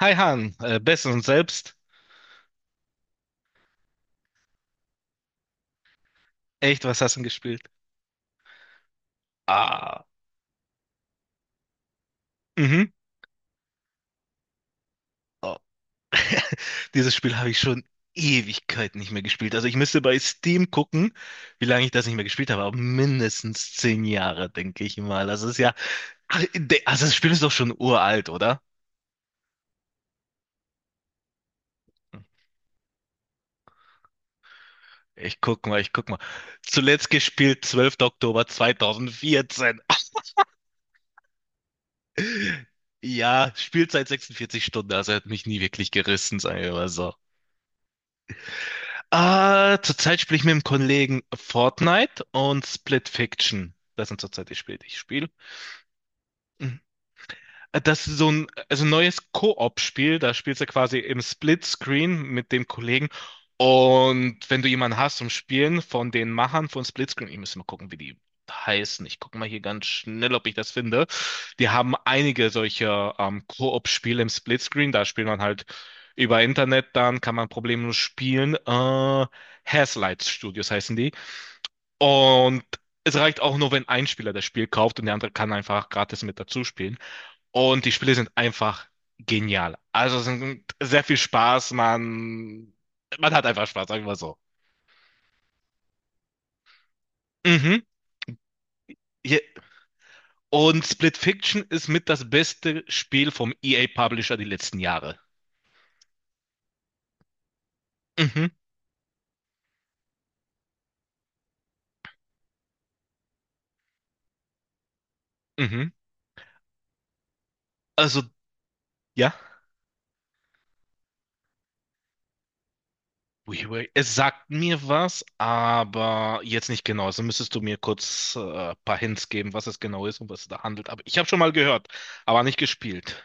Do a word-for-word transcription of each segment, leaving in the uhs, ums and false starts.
Hi Han, äh, Best und selbst. Echt, was hast du denn gespielt? Ah, mhm. Oh, dieses Spiel habe ich schon Ewigkeiten nicht mehr gespielt. Also ich müsste bei Steam gucken, wie lange ich das nicht mehr gespielt habe, aber mindestens zehn Jahre, denke ich mal. Also es ist ja. Ach, de- also das Spiel ist doch schon uralt, oder? Ich guck mal, ich guck mal. Zuletzt gespielt, zwölfter Oktober zweitausendvierzehn. Ja, Spielzeit sechsundvierzig Stunden, also er hat mich nie wirklich gerissen, sagen wir mal so. Ah, zurzeit spiele ich mit einem Kollegen Fortnite und Split Fiction. Das sind zurzeit die Spiele, die ich spiele. Mhm. Das ist so ein, also ein neues Koop-Spiel, da spielst du quasi im Splitscreen mit dem Kollegen. Und wenn du jemanden hast zum Spielen von den Machern von Splitscreen, ich muss mal gucken, wie die heißen. Ich gucke mal hier ganz schnell, ob ich das finde. Die haben einige solcher ähm, Koop-Spiele im Splitscreen. Da spielt man halt über Internet, dann kann man problemlos spielen. Äh, Hazelight Studios heißen die. Und es reicht auch nur, wenn ein Spieler das Spiel kauft und der andere kann einfach gratis mit dazu spielen. Und die Spiele sind einfach genial. Also es sind sehr viel Spaß, man, man hat einfach Spaß, sagen wir mal so. Mhm. Je- Und Split Fiction ist mit das beste Spiel vom E A Publisher die letzten Jahre. Mhm. Mhm. Also, ja. WiiWare, es sagt mir was, aber jetzt nicht genau. Also müsstest du mir kurz äh, ein paar Hints geben, was es genau ist und was es da handelt. Aber ich habe schon mal gehört, aber nicht gespielt.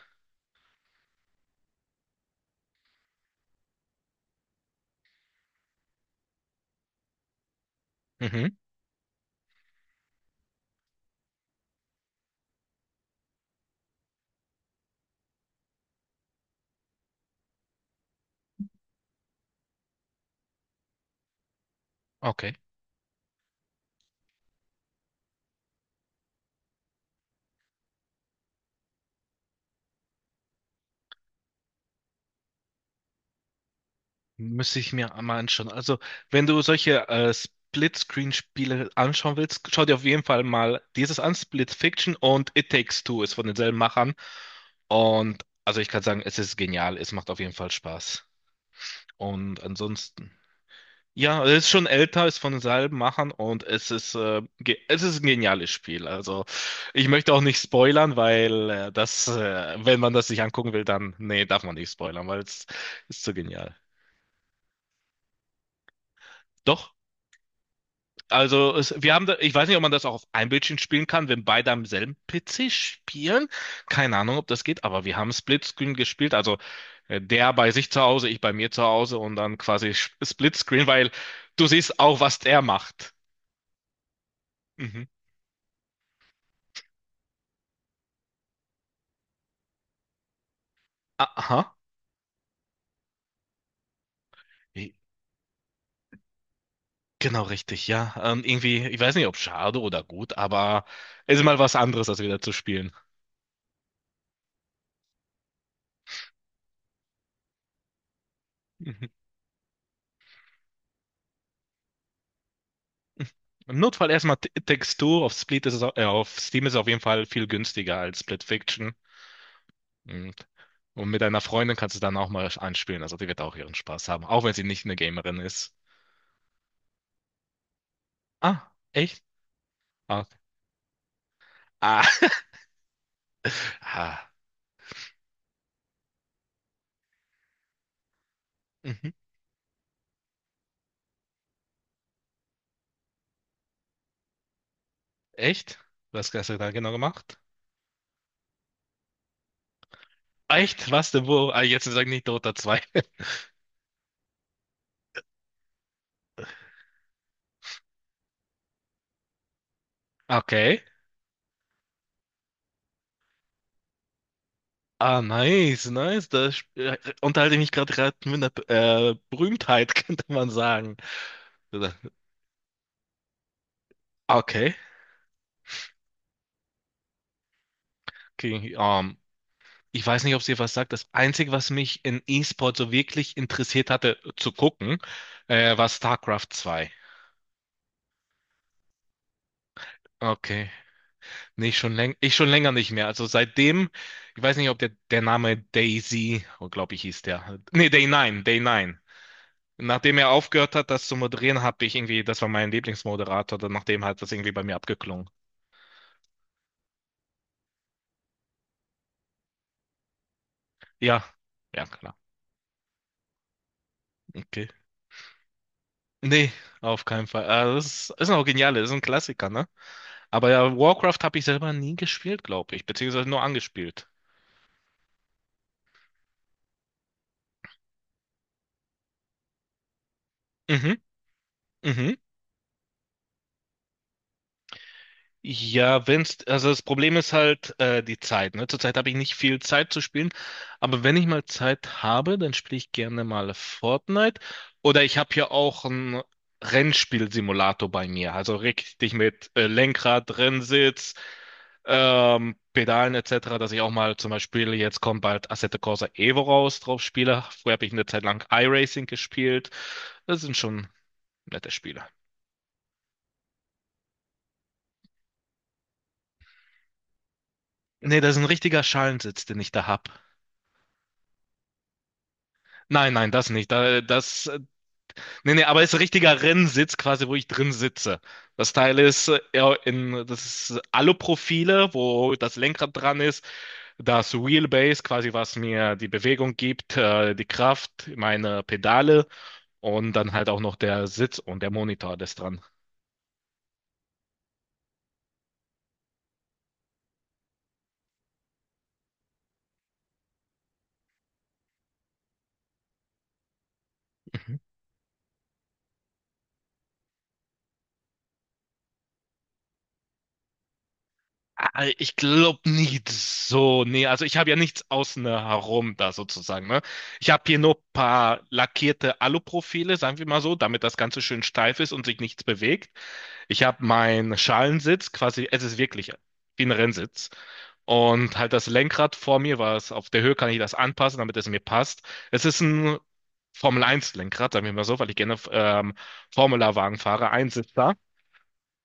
Mhm. Okay. Müsste ich mir mal anschauen. Also, wenn du solche äh, Split-Screen-Spiele anschauen willst, schau dir auf jeden Fall mal dieses an, Split Fiction und It Takes Two ist von denselben Machern. Und also ich kann sagen, es ist genial, es macht auf jeden Fall Spaß. Und ansonsten, ja, es ist schon älter, ist von denselben Machern und es ist, äh, ge- es ist ein geniales Spiel. Also ich möchte auch nicht spoilern, weil äh, das, äh, wenn man das sich angucken will, dann, nee, darf man nicht spoilern, weil es ist zu genial. Doch? Also es, wir haben da, ich weiß nicht, ob man das auch auf einem Bildschirm spielen kann, wenn beide am selben P C spielen. Keine Ahnung, ob das geht, aber wir haben Splitscreen gespielt. Also äh, der bei sich zu Hause, ich bei mir zu Hause und dann quasi Sch- Splitscreen, weil du siehst auch, was der macht. Mhm. Aha. Genau richtig, ja. Ähm, irgendwie, ich weiß nicht, ob schade oder gut, aber es ist mal was anderes, als wieder zu spielen. Mhm. Im Notfall erstmal T- Textur. Auf Split ist es, au- äh, auf Steam ist es auf jeden Fall viel günstiger als Split Fiction. Mhm. Und mit deiner Freundin kannst du dann auch mal anspielen. Also die wird auch ihren Spaß haben, auch wenn sie nicht eine Gamerin ist. Ah, echt? Ah, ah. Ah. Mhm. Echt? Was hast du da genau gemacht? Echt? Was denn wo? Ah, jetzt sag nicht Dota zwei. Okay. Ah, nice, nice. Da sp- äh, unterhalte ich mich gerade gerade mit einer äh, Berühmtheit, könnte man sagen. Okay. Okay. um, Ich weiß nicht, ob es dir was sagt. Das Einzige, was mich in E-Sport so wirklich interessiert hatte äh, zu gucken, äh, war StarCraft zwei. Okay. Nee, schon läng ich schon länger nicht mehr. Also seitdem, ich weiß nicht, ob der, der Name Daisy, oh, glaube ich, hieß der. Nee, day nine, day nine. Nachdem er aufgehört hat, das zu moderieren, habe ich irgendwie, das war mein Lieblingsmoderator, dann nachdem hat das irgendwie bei mir abgeklungen. Ja, ja, klar. Okay. Nee, auf keinen Fall. Ah, das ist, ist auch genial, das ist ein Klassiker, ne? Aber ja, Warcraft habe ich selber nie gespielt, glaube ich, beziehungsweise nur angespielt. Mhm, mhm. Ja, wenn's, also das Problem ist halt äh, die Zeit, ne? Zurzeit habe ich nicht viel Zeit zu spielen, aber wenn ich mal Zeit habe, dann spiele ich gerne mal Fortnite. Oder ich habe ja auch einen Rennspielsimulator bei mir, also richtig mit äh, Lenkrad, Rennsitz, ähm, Pedalen et cetera, dass ich auch mal zum Beispiel, jetzt kommt bald Assetto Corsa Evo raus, drauf spiele. Früher habe ich eine Zeit lang iRacing gespielt. Das sind schon nette Spiele. Nee, das ist ein richtiger Schalensitz, den ich da hab. Nein, nein, das nicht. Da- Das, äh, nee, nee, aber es ist ein richtiger Rennsitz quasi, wo ich drin sitze. Das Teil ist äh, ja, in, das ist Aluprofile, wo das Lenkrad dran ist, das Wheelbase quasi, was mir die Bewegung gibt, äh, die Kraft, meine Pedale und dann halt auch noch der Sitz und der Monitor, das dran. Mhm. Ah, ich glaube nicht so. Nee, also ich habe ja nichts außen herum da sozusagen, ne? Ich habe hier nur ein paar lackierte Aluprofile, sagen wir mal so, damit das Ganze schön steif ist und sich nichts bewegt. Ich habe meinen Schalensitz quasi, es ist wirklich wie ein Rennsitz. Und halt das Lenkrad vor mir, was auf der Höhe kann ich das anpassen, damit es mir passt. Es ist ein Formel Eins Lenkrad, sagen wir mal so, weil ich gerne ähm, Formula-Wagen fahre, Einsitzer.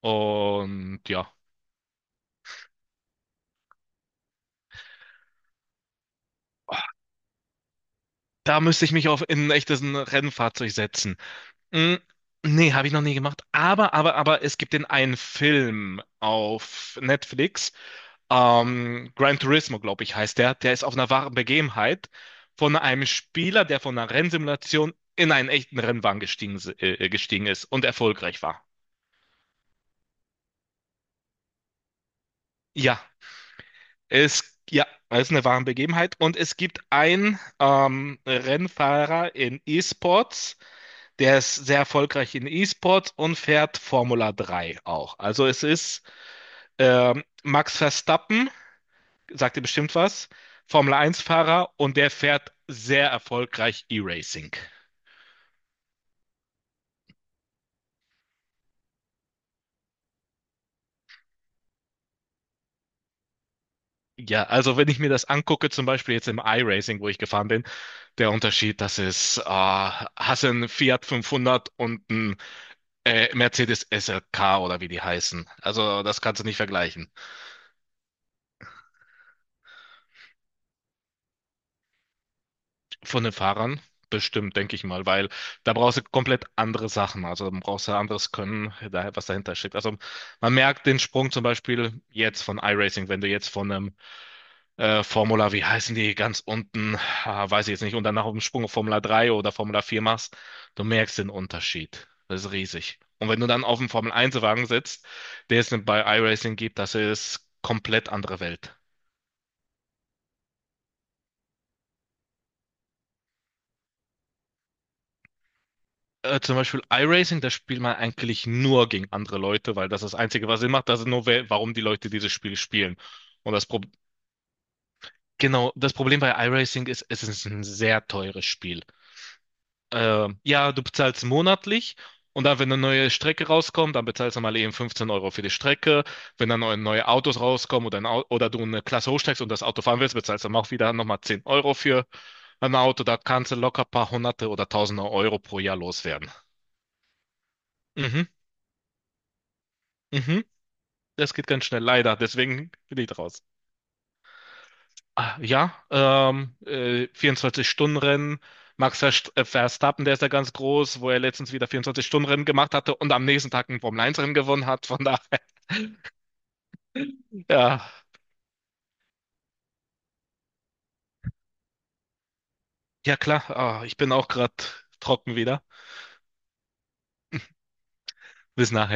Und ja. Da müsste ich mich auf in ein echtes Rennfahrzeug setzen. Hm, nee, habe ich noch nie gemacht. Aber, aber, aber es gibt den einen Film auf Netflix. Ähm, Gran Turismo, glaube ich, heißt der. Der ist auf einer wahren Begebenheit von einem Spieler, der von einer Rennsimulation in einen echten Rennwagen gestiegen, si- äh, äh, gestiegen ist und erfolgreich war. Ja, es, ja, es ist eine wahre Begebenheit. Und es gibt einen ähm, Rennfahrer in E-Sports. Der ist sehr erfolgreich in E-Sport und fährt Formula drei auch. Also es ist ähm, Max Verstappen, sagt ihr bestimmt was, Formel eins-Fahrer und der fährt sehr erfolgreich E-Racing. Ja, also wenn ich mir das angucke, zum Beispiel jetzt im iRacing, wo ich gefahren bin, der Unterschied, das ist, äh, hast du einen Fiat fünfhundert und einen äh, Mercedes S L K oder wie die heißen. Also das kannst du nicht vergleichen. Von den Fahrern bestimmt, denke ich mal, weil da brauchst du komplett andere Sachen. Also da brauchst du anderes Können, da- was dahinter steckt. Also man merkt den Sprung zum Beispiel jetzt von iRacing, wenn du jetzt von einem äh, Formula, wie heißen die, ganz unten, ah, weiß ich jetzt nicht, und danach auf dem Sprung auf Formula drei oder Formula vier machst, du merkst den Unterschied. Das ist riesig. Und wenn du dann auf dem Formel eins-Wagen sitzt, der es bei iRacing gibt, das ist komplett andere Welt. Äh, zum Beispiel iRacing, da spielt man eigentlich nur gegen andere Leute, weil das das Einzige, was Sinn macht, das ist nur, wer- warum die Leute dieses Spiel spielen. Und das Pro genau, das Problem bei iRacing ist, es ist ein sehr teures Spiel. Äh, ja, du bezahlst monatlich und dann, wenn eine neue Strecke rauskommt, dann bezahlst du mal eben fünfzehn Euro für die Strecke. Wenn dann neue, neue Autos rauskommen oder, ein Au oder du eine Klasse hochsteigst und das Auto fahren willst, bezahlst du dann auch wieder nochmal zehn Euro für ein Auto. Da kannst du locker ein paar Hunderte oder Tausende Euro pro Jahr loswerden. Mhm, mhm. Das geht ganz schnell, leider. Deswegen bin ich raus. Ah, ja, ähm, äh, vierundzwanzig-Stunden-Rennen. Max Verst- äh, Verstappen, der ist ja ganz groß, wo er letztens wieder vierundzwanzig-Stunden-Rennen gemacht hatte und am nächsten Tag ein Formel eins Rennen gewonnen hat. Von daher, ja, ja klar, ah, ich bin auch gerade trocken wieder. Bis nachher.